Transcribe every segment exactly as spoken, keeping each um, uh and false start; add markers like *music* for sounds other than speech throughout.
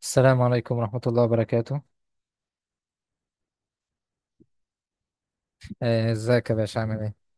السلام عليكم ورحمة الله وبركاته. آه، ازيك يا باشا، عامل ايه؟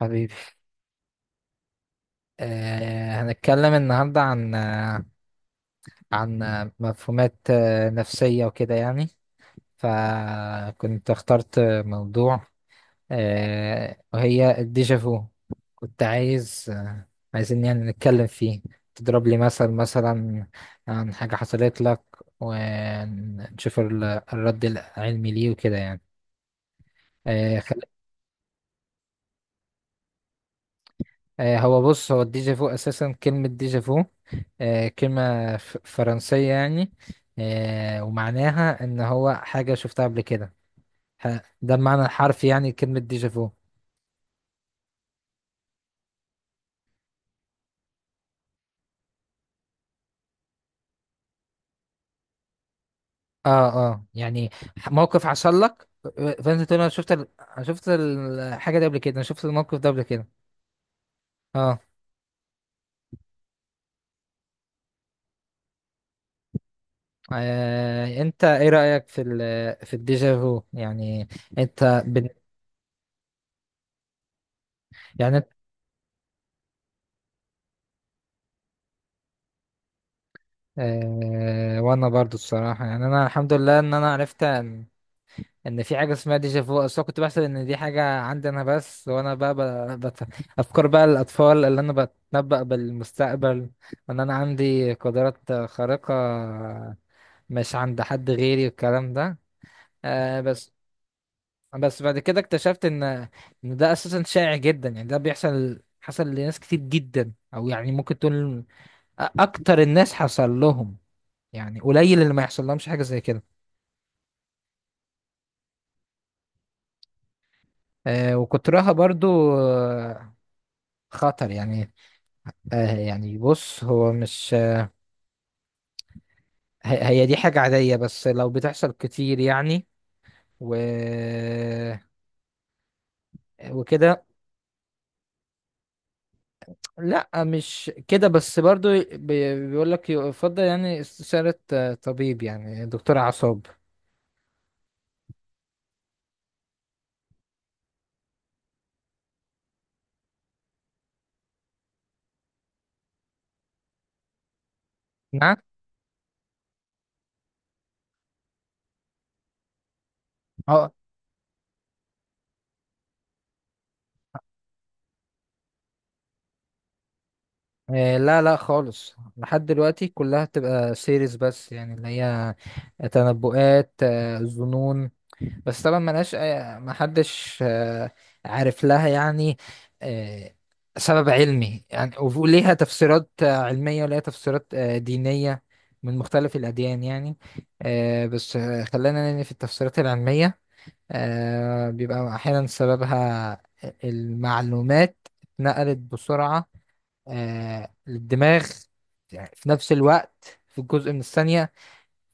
حبيبي. آه، هنتكلم النهاردة عن آه، عن آه، مفهومات آه، نفسية وكده يعني. فكنت اخترت موضوع، آه، وهي الديجافو. كنت عايز آه، عايزين يعني نتكلم فيه. تضرب لي مثل، مثلا عن حاجة حصلت لك، ونشوف ال- الرد العلمي ليه وكده يعني. آه، هو بص، هو الديجا فو اساسا، كلمة ديجا فو آه، كلمة ف- فرنسية يعني. آه، ومعناها ان هو حاجة شفتها قبل كده. ح- ده المعنى الحرفي يعني كلمة ديجا فو. اه. اه، يعني ح- موقف حصل لك، آه، فانت تقول انا شفت ال... أنا شفت الحاجة دي قبل كده، انا شفت الموقف ده قبل كده. اه. آه، انت ايه رأيك في ال... في الديجا فو يعني؟ انت بن... يعني انت. آه وانا برضو الصراحة، يعني انا الحمد لله ان انا عرفت ان في حاجه اسمها ديجا فو. اصل أنا كنت بحسب ان دي حاجه عندي انا بس، وانا بقى ب- بت... افكار بقى الاطفال، اللي انا بتنبأ بالمستقبل، وان انا عندي قدرات خارقه مش عند حد غيري والكلام ده. آه بس بس بعد كده اكتشفت ان ان ده اساسا شائع جدا، يعني ده بيحصل حصل لناس كتير جدا، او يعني ممكن تقول اكتر الناس حصل لهم. يعني قليل اللي ما يحصل لهمش حاجه زي كده. آه وكترها برضو آه، خطر يعني. آه يعني بص، هو مش ه- هي دي حاجة عادية، بس لو بتحصل كتير يعني و... وكده. لا مش كده، بس برضو بي... بيقول لك يفضل يعني استشارة آه، طبيب، يعني دكتور أعصاب. نعم. اه. آه، لا لا خالص، لحد دلوقتي كلها تبقى سيريز، بس يعني اللي هي تنبؤات، آه، ظنون. بس طبعا ملهاش أي- محدش آه، عارف لها يعني آه، سبب علمي يعني. وليها تفسيرات آه، علمية وليها تفسيرات آه، دينية من مختلف الأديان يعني. آه، بس آه، خلينا نني في التفسيرات العلمية. آه، بيبقى أحيانا سببها المعلومات اتنقلت بسرعة آه، للدماغ، يعني في نفس الوقت، في جزء من الثانية.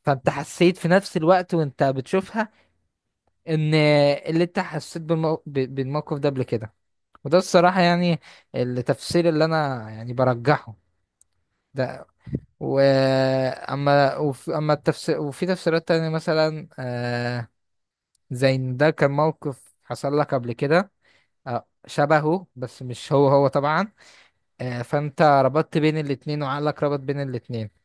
فأنت حسيت في نفس الوقت وأنت بتشوفها، ان اللي انت حسيت بالمو... ب- بالموقف ده قبل كده. وده الصراحة يعني التفسير اللي انا يعني برجحه ده. واما وفي... اما التفسير، وفي تفسيرات تانية مثلا آه... زي ان ده كان موقف حصل لك قبل كده آه... شبهه، بس مش هو هو طبعا. آه... فانت ربطت بين الاتنين، وعقلك ربط بين الاتنين.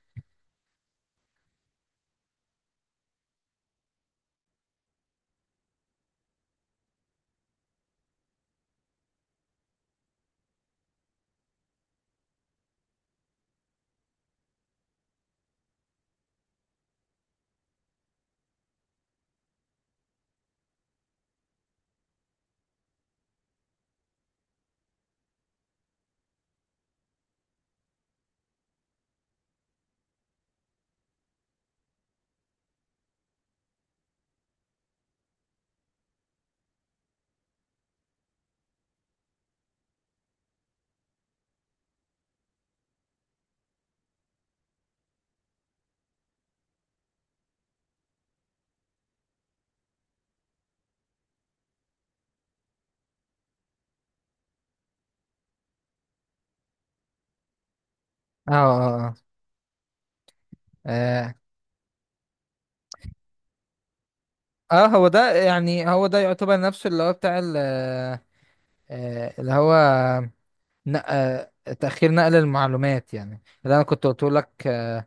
اه، اه، اه، اه. آه، هو ده يعني، هو ده يعتبر نفسه اللي هو بتاع ال- آه، آه، اللي هو نق... تأخير نقل المعلومات، يعني اللي أنا كنت قلت لك آه،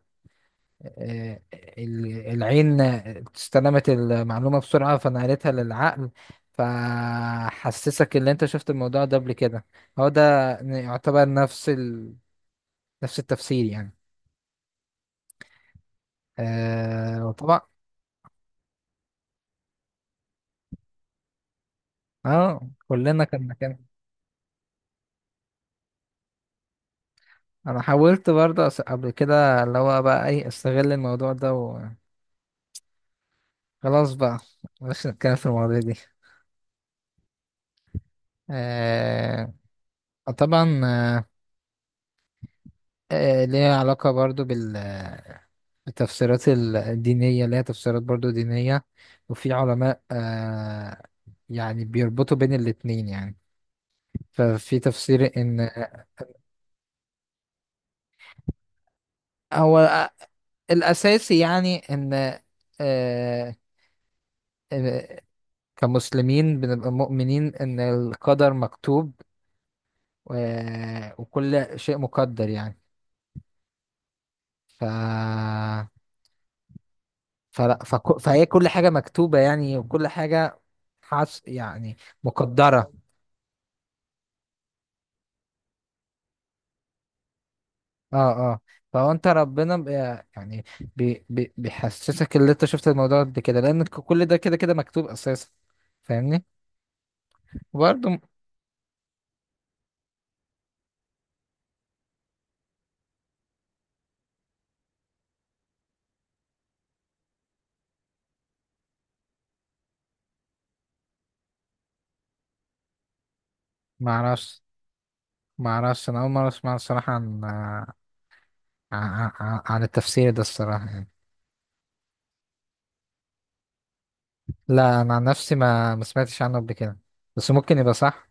آه، ال- العين استلمت المعلومة بسرعة فنقلتها للعقل، فحسسك اللي أنت شفت الموضوع ده قبل كده. هو ده يعتبر نفس ال... نفس التفسير يعني. آه، وطبعا. اه، كلنا كنا كده. أنا حاولت برضه أس- قبل كده اللي هو بقى أي أستغل الموضوع ده، وخلاص بقى مش نتكلم في المواضيع دي. آه، طبعا آه، آه، ليها علاقة برضو بال، التفسيرات الدينية ليها تفسيرات برضو دينية. وفي علماء آه يعني بيربطوا بين الاتنين يعني. ففي تفسير إن هو آه، الأساسي يعني إن آه آه، كمسلمين بنبقى مؤمنين إن القدر مكتوب، و- وكل شيء مقدر يعني. ف فلا فك... فهي كل حاجة مكتوبة، يعني وكل حاجة حس... يعني مقدرة. اه، اه. فهو انت ربنا ب... يعني بي... بي... بيحسسك اللي انت شفت الموضوع ده كده، لان ك- كل ده كده كده مكتوب اساسا. فاهمني؟ برضه. ما اعرفش ما اعرفش، انا اول مرة اسمع الصراحة عن عن, عن... عن التفسير ده الصراحة يعني. لا انا عن نفسي ما ما سمعتش عنه قبل كده، بس ممكن يبقى صح.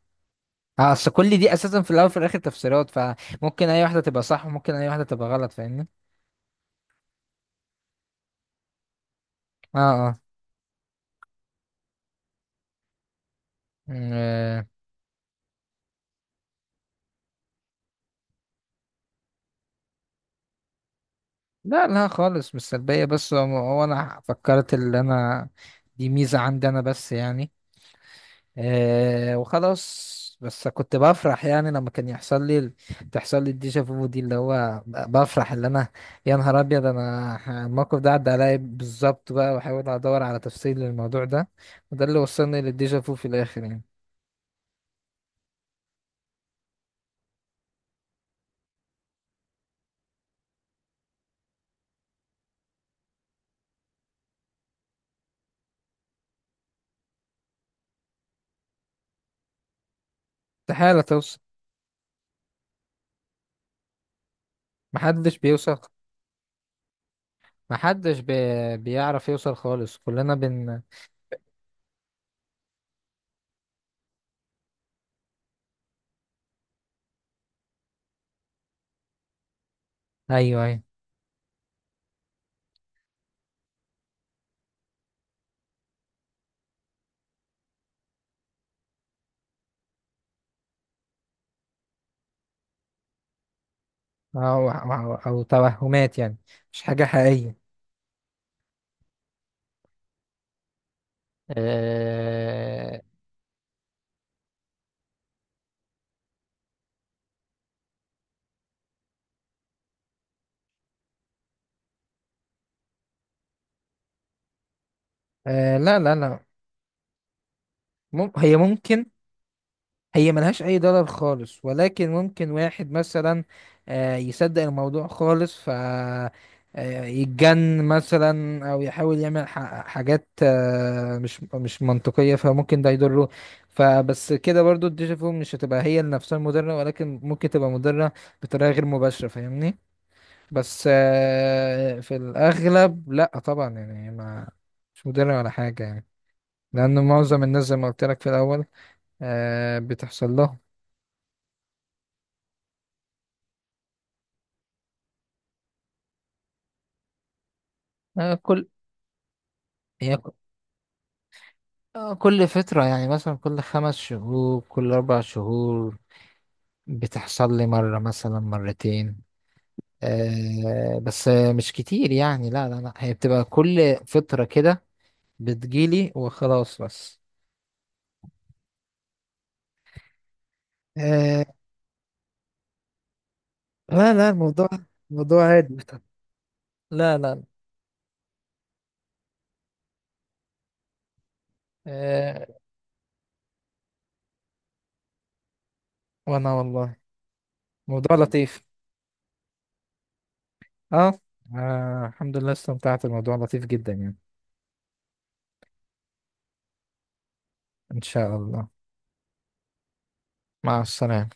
اه، اصل كل دي اساسا في الاول وفي الاخر تفسيرات، فممكن اي واحدة تبقى صح وممكن اي واحدة تبقى غلط. فاهمني؟ اه، اه. مم، آه، لا لا خالص، مش سلبية، بس هو هو انا فكرت اللي انا دي ميزة عندي انا بس يعني. آه وخلاص، بس كنت بفرح يعني لما كان يحصل لي ال- تحصل لي الديجا فو دي، اللي هو ب- بفرح اللي انا يا نهار ابيض، انا ح- الموقف ده عدى عليا بالظبط، بقى واحاول ادور على تفسير للموضوع ده. وده اللي وصلني للديجا فو في الاخر يعني. استحالة توصل. محدش بيوصل. محدش بي... بيعرف يوصل خالص، كلنا بن ايوه، ايوه. أو, أو, أو توهمات يعني، مش حاجة حقيقية. آه آه لا لا لا. مم هي ممكن، هي ملهاش أي ضرر خالص، ولكن ممكن واحد مثلا آه يصدق الموضوع خالص ف آه، يتجن مثلا، أو يحاول يعمل ح- حاجات آه مش مش منطقية، فممكن ده يضره. فبس كده برضو الديجافو مش هتبقى هي نفسها المضرة، ولكن ممكن تبقى مضرة بطريقة غير مباشرة. فاهمني؟ بس آه، في الأغلب لأ طبعا، يعني ما مش مدرع ولا حاجة يعني، لأن معظم الناس زي ما قلت لك في الأول آه، بتحصل لهم. آه، كل هي ك- آه، كل فترة، يعني مثلا كل خمس شهور، كل أربع شهور بتحصل لي مرة، مثلا مرتين. آه، بس آه، مش كتير يعني، لا لا لا، هي بتبقى كل فترة كده بتجيلي وخلاص بس. آه، لا لا، الموضوع موضوع عادي. *laughs* لا. لا. وانا والله موضوع لطيف. اه، آه، الحمد لله، استمتعت. الموضوع لطيف جدا يعني. ان شاء الله. مع السلامة.